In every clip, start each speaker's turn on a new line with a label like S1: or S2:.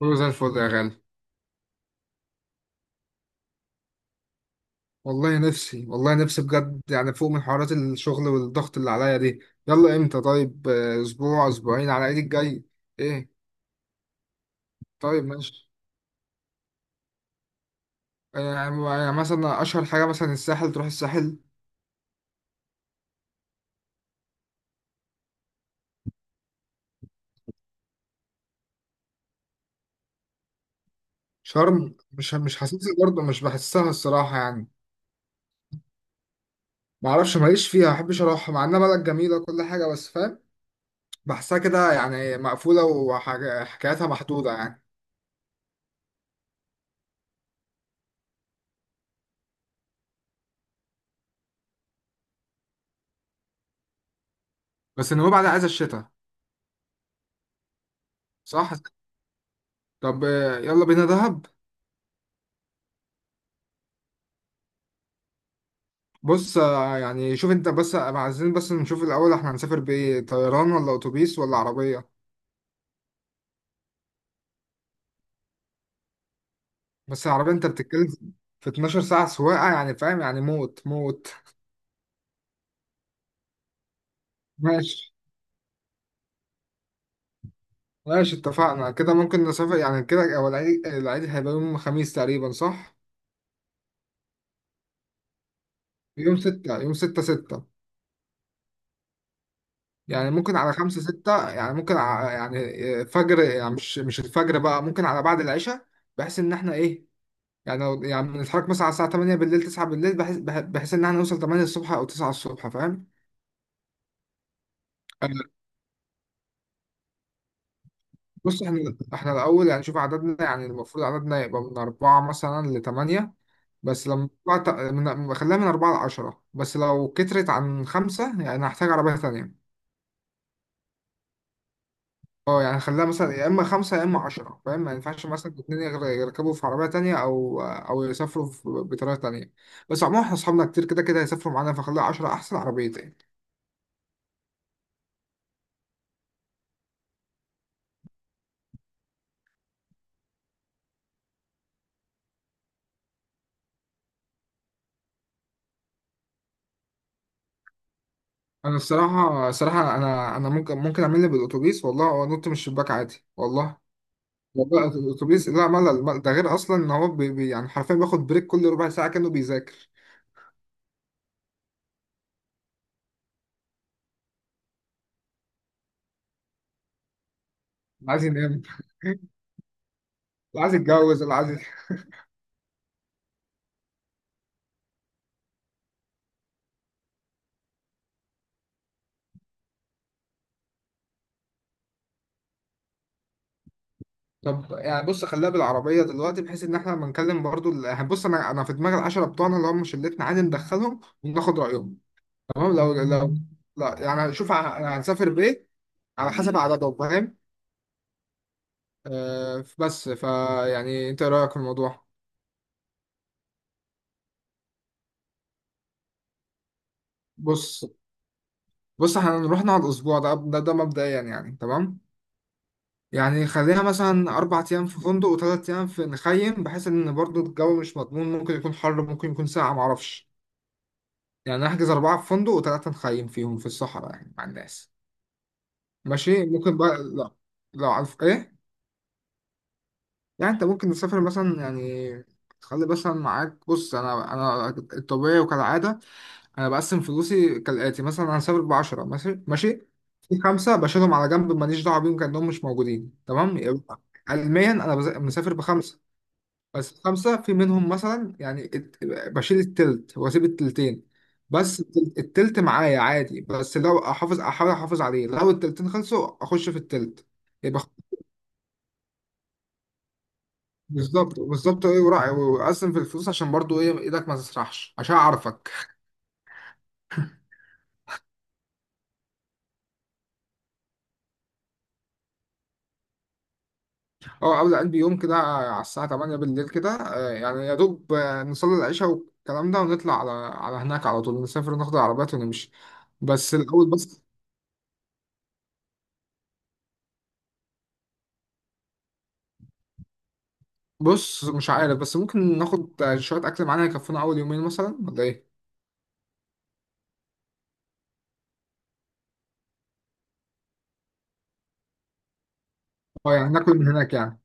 S1: كله زي الفل يا غالي. والله نفسي بجد، يعني فوق من حوارات الشغل والضغط اللي عليا دي. يلا امتى طيب اسبوع اسبوعين على ايد الجاي. ايه طيب ماشي. يعني مثلا اشهر حاجة، مثلا الساحل تروح الساحل. شرم مش حاسسها برضه، مش بحسها الصراحة يعني. معرفش، ماليش فيها، ما بحبش اروحها مع انها بلد جميلة كل حاجة، بس فاهم. بحسها كده يعني مقفولة وحكاياتها محدودة يعني. بس النوبة بعد عايزة الشتاء. صح. طب يلا بينا دهب. بص يعني شوف انت، بس عايزين بس نشوف الاول احنا هنسافر بايه، طيران ولا اتوبيس ولا عربيه. بس العربيه انت بتتكلم في 12 ساعه سواقه، يعني فاهم، يعني موت موت. ماشي ماشي، اتفقنا كده. ممكن نسافر يعني كده. هو العيد هيبقى يوم خميس تقريبا، صح. يوم 6، يوم 6 6. يعني ممكن على 5 6، يعني ممكن يعني فجر، يعني مش الفجر بقى، ممكن على بعد العشاء. بحيث ان احنا ايه، يعني لو يعني بنتحرك مثلا على الساعة 8 بالليل 9 بالليل، بحيث إن احنا نوصل 8 الصبح أو 9 الصبح، فاهم؟ آه، بص، احنا الأول يعني شوف عددنا، يعني المفروض عددنا يبقى من أربعة مثلا لتمانية. بس لما طلع من خليها من أربعة لعشرة، بس لو كترت عن خمسة يعني هحتاج عربية تانية. اه يعني خليها مثلا يا إما خمسة يا إما عشرة، فاهم؟ ما ينفعش مثلا الاتنين يركبوا في عربية تانية، أو يسافروا بطريقة تانية. بس عموما احنا أصحابنا كتير، كده كده هيسافروا معانا، فخليها عشرة، أحسن عربيتين. انا الصراحه انا ممكن اعمل لي بالاتوبيس والله، وانط من الشباك عادي والله. والله الاتوبيس، لا ملل ده، غير اصلا ان هو بي يعني حرفيا بياخد بريك كل ربع ساعه كانه بيذاكر. اللي عايز ينام اللي عايز يتجوز، اللي عايز. طب يعني بص، خليها بالعربيه دلوقتي، بحيث ان احنا لما نكلم برضو يعني بص، انا في دماغي العشره بتوعنا اللي هم شلتنا، عادي ندخلهم وناخد رايهم. تمام. لو لا، يعني شوف يعني هنسافر بايه، على حسب عددهم، فاهم. آه بس فيعني انت إيه رايك في الموضوع؟ بص بص احنا هنروح نقعد اسبوع، ده مبدئيا يعني تمام. يعني خليها مثلا 4 ايام في فندق و3 ايام في نخيم، بحيث ان برضو الجو مش مضمون، ممكن يكون حر ممكن يكون ساقع، معرفش. يعني نحجز اربعه في فندق وثلاثه نخيم فيهم في الصحراء يعني مع الناس. ماشي ممكن بقى، لا، لا عارف ايه. يعني انت ممكن تسافر مثلا، يعني تخلي مثلا معاك، بص انا الطبيعي وكالعاده، انا بقسم فلوسي كالاتي مثلا. انا سابق بعشرة، ماشي ماشي. في خمسة بشيلهم على جنب، ماليش دعوة بيهم كأنهم مش موجودين تمام، يبقى علميا انا مسافر بخمسة. بس خمسة في منهم مثلا، يعني بشيل التلت واسيب التلتين. بس التلت معايا عادي، بس لو احاول احافظ عليه، لو التلتين خلصوا اخش في التلت. يبقى خ- بالظبط بالظبط ايه، وراعي واقسم في الفلوس عشان برضو ايه، ايدك ما تسرحش عشان اعرفك. اه، قبل قلبي يوم كده على الساعة 8 بالليل كده، يعني يا دوب، نصلي العشاء والكلام ده، ونطلع على هناك، على طول نسافر ناخد العربيات ونمشي. بس الأول بس. بص مش عارف، بس ممكن ناخد شوية أكل معانا يكفونا أول يومين مثلا ولا إيه؟ اه يعني ناكل من هناك يعني.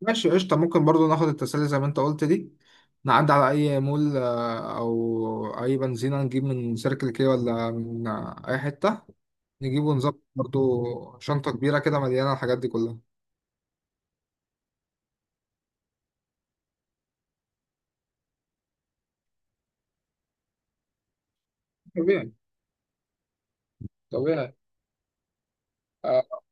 S1: ماشي قشطة، ممكن برضو ناخد التسلي زي ما أنت قلت دي، نعدي على أي مول أو أي بنزينة، نجيب من سيركل كي ولا من أي حتة، نجيب ونظبط برضو. شنطة كبيرة كده مليانة الحاجات دي كلها. طبيعي آه،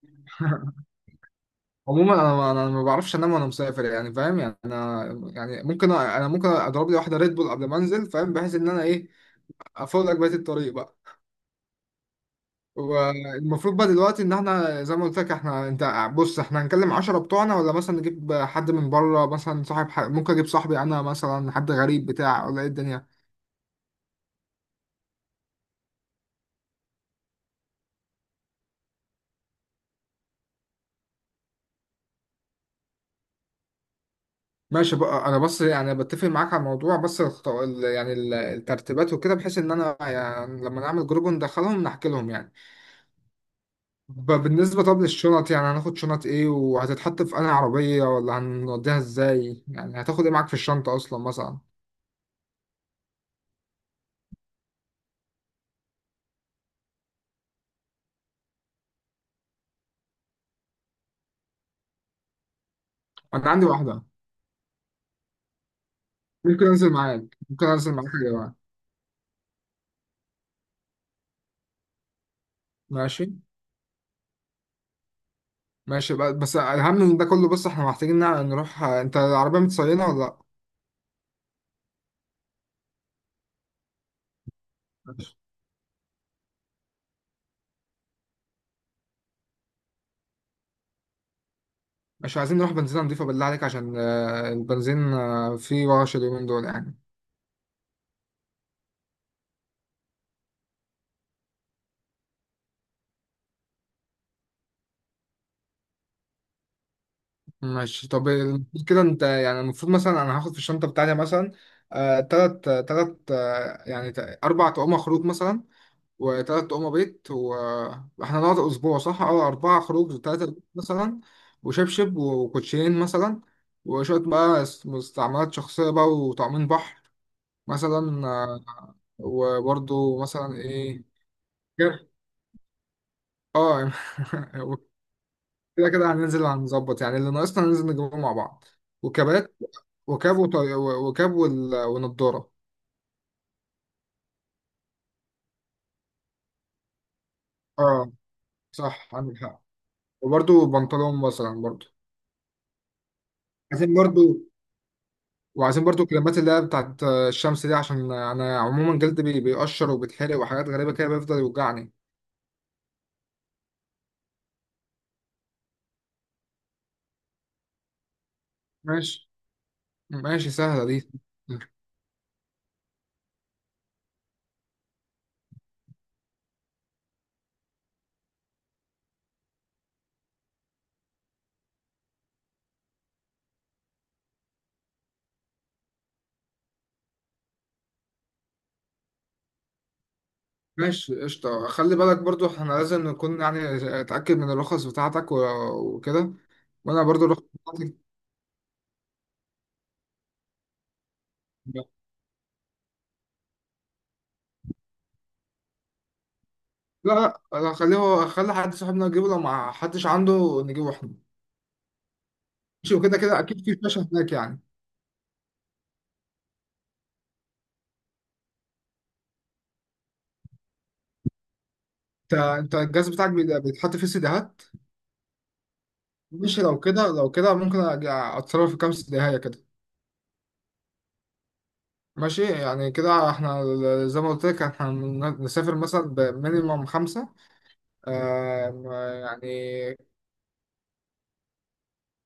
S1: عموما انا ما بعرفش انام وانا مسافر، يعني فاهم، يعني انا يعني ممكن انا ممكن اضرب لي واحده ريد بول قبل ما انزل، فاهم، بحيث ان انا ايه، افوق بقيه الطريق بقى. والمفروض بقى دلوقتي ان احنا زي ما قلت لك، احنا، انت بص احنا هنكلم عشرة بتوعنا، ولا مثلا نجيب حد من بره مثلا، صاحب ممكن اجيب صاحبي انا مثلا، حد غريب بتاع، ولا ايه الدنيا. ماشي بقى، انا بس يعني بتفق معاك على الموضوع، بس يعني الترتيبات وكده، بحيث ان انا يعني لما نعمل جروب وندخلهم نحكي لهم يعني. بالنسبة طب للشنط، يعني هناخد شنط ايه، وهتتحط في انهي عربية، ولا هنوديها ازاي، يعني هتاخد ايه معاك في الشنطة اصلا مثلا. انا عندي واحدة. ممكن انزل معاك. ممكن انزل معاك يا جماعة. ماشي. ماشي بقى. بس اهم من ده كله، بص احنا محتاجين نروح، انت العربية متصينة ولا لا؟ ماشي. مش عايزين نروح بنزينة نضيفة بالله عليك عشان البنزين، فيه ورش اليومين دول يعني. ماشي، طب المفروض كده انت يعني، المفروض مثلا انا هاخد في الشنطه بتاعتي مثلا، تلات تلات يعني اربع طقم خروج مثلا، وتلات طقم بيت، واحنا نقعد اسبوع صح؟ اه، اربعه خروج تلاته بيت مثلا. وشبشب وكوتشين مثلا. وشويه بقى مستعملات شخصيه بقى، وطعمين بحر مثلا، وبرضو مثلا ايه، كده. اه كده كده هننزل على المظبط، يعني اللي ناقصنا هننزل نجيبه مع بعض. وكبات، وكاب ونضارة. اه صح عندك حق. وبرده بنطلون مثلا برضو، عايزين برضو. وعايزين برضو كريمات، اللي هي بتاعت الشمس دي، عشان انا عموما جلدي بيقشر وبيتحرق وحاجات غريبة كده بيفضل يوجعني. ماشي. ماشي سهلة دي. ماشي قشطة، خلي بالك برضو احنا لازم نكون يعني اتأكد من الرخص بتاعتك وكده. وانا برضو الرخص بتاعتي. لا لا، خليه هو، خلي حد صاحبنا يجيبه، لو ما حدش عنده نجيبه احنا. ماشي، وكده كده اكيد في شاشه هناك يعني. انت الجهاز بتاعك بيتحط فيه سيديهات. ماشي، لو كده ممكن اتصرف في كام سيديهايه كده. ماشي، يعني كده احنا زي ما قلت لك، احنا نسافر مثلا بمينيمم خمسه. آم، يعني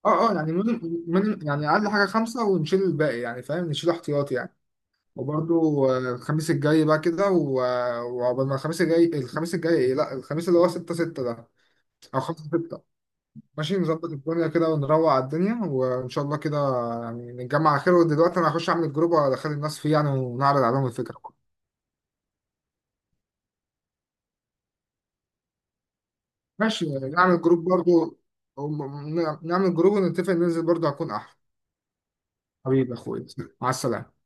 S1: اه اه، يعني يعني اقل حاجه خمسه، ونشيل الباقي، يعني فاهم، نشيل احتياطي يعني. وبرضو الخميس الجاي بقى كده، وعقبال ما الخميس الجاي إيه؟ لا، الخميس اللي هو 6 6 ده، او 5 6. ماشي، نظبط الدنيا كده ونروق على الدنيا وان شاء الله كده. يعني نتجمع على خير، ودلوقتي انا هخش اعمل جروب وادخل الناس فيه يعني، ونعرض عليهم الفكره. ماشي، نعمل جروب برضو. وم- نعمل جروب ونتفق ننزل برضو، هكون احلى. حبيبي يا اخويا. مع السلامه.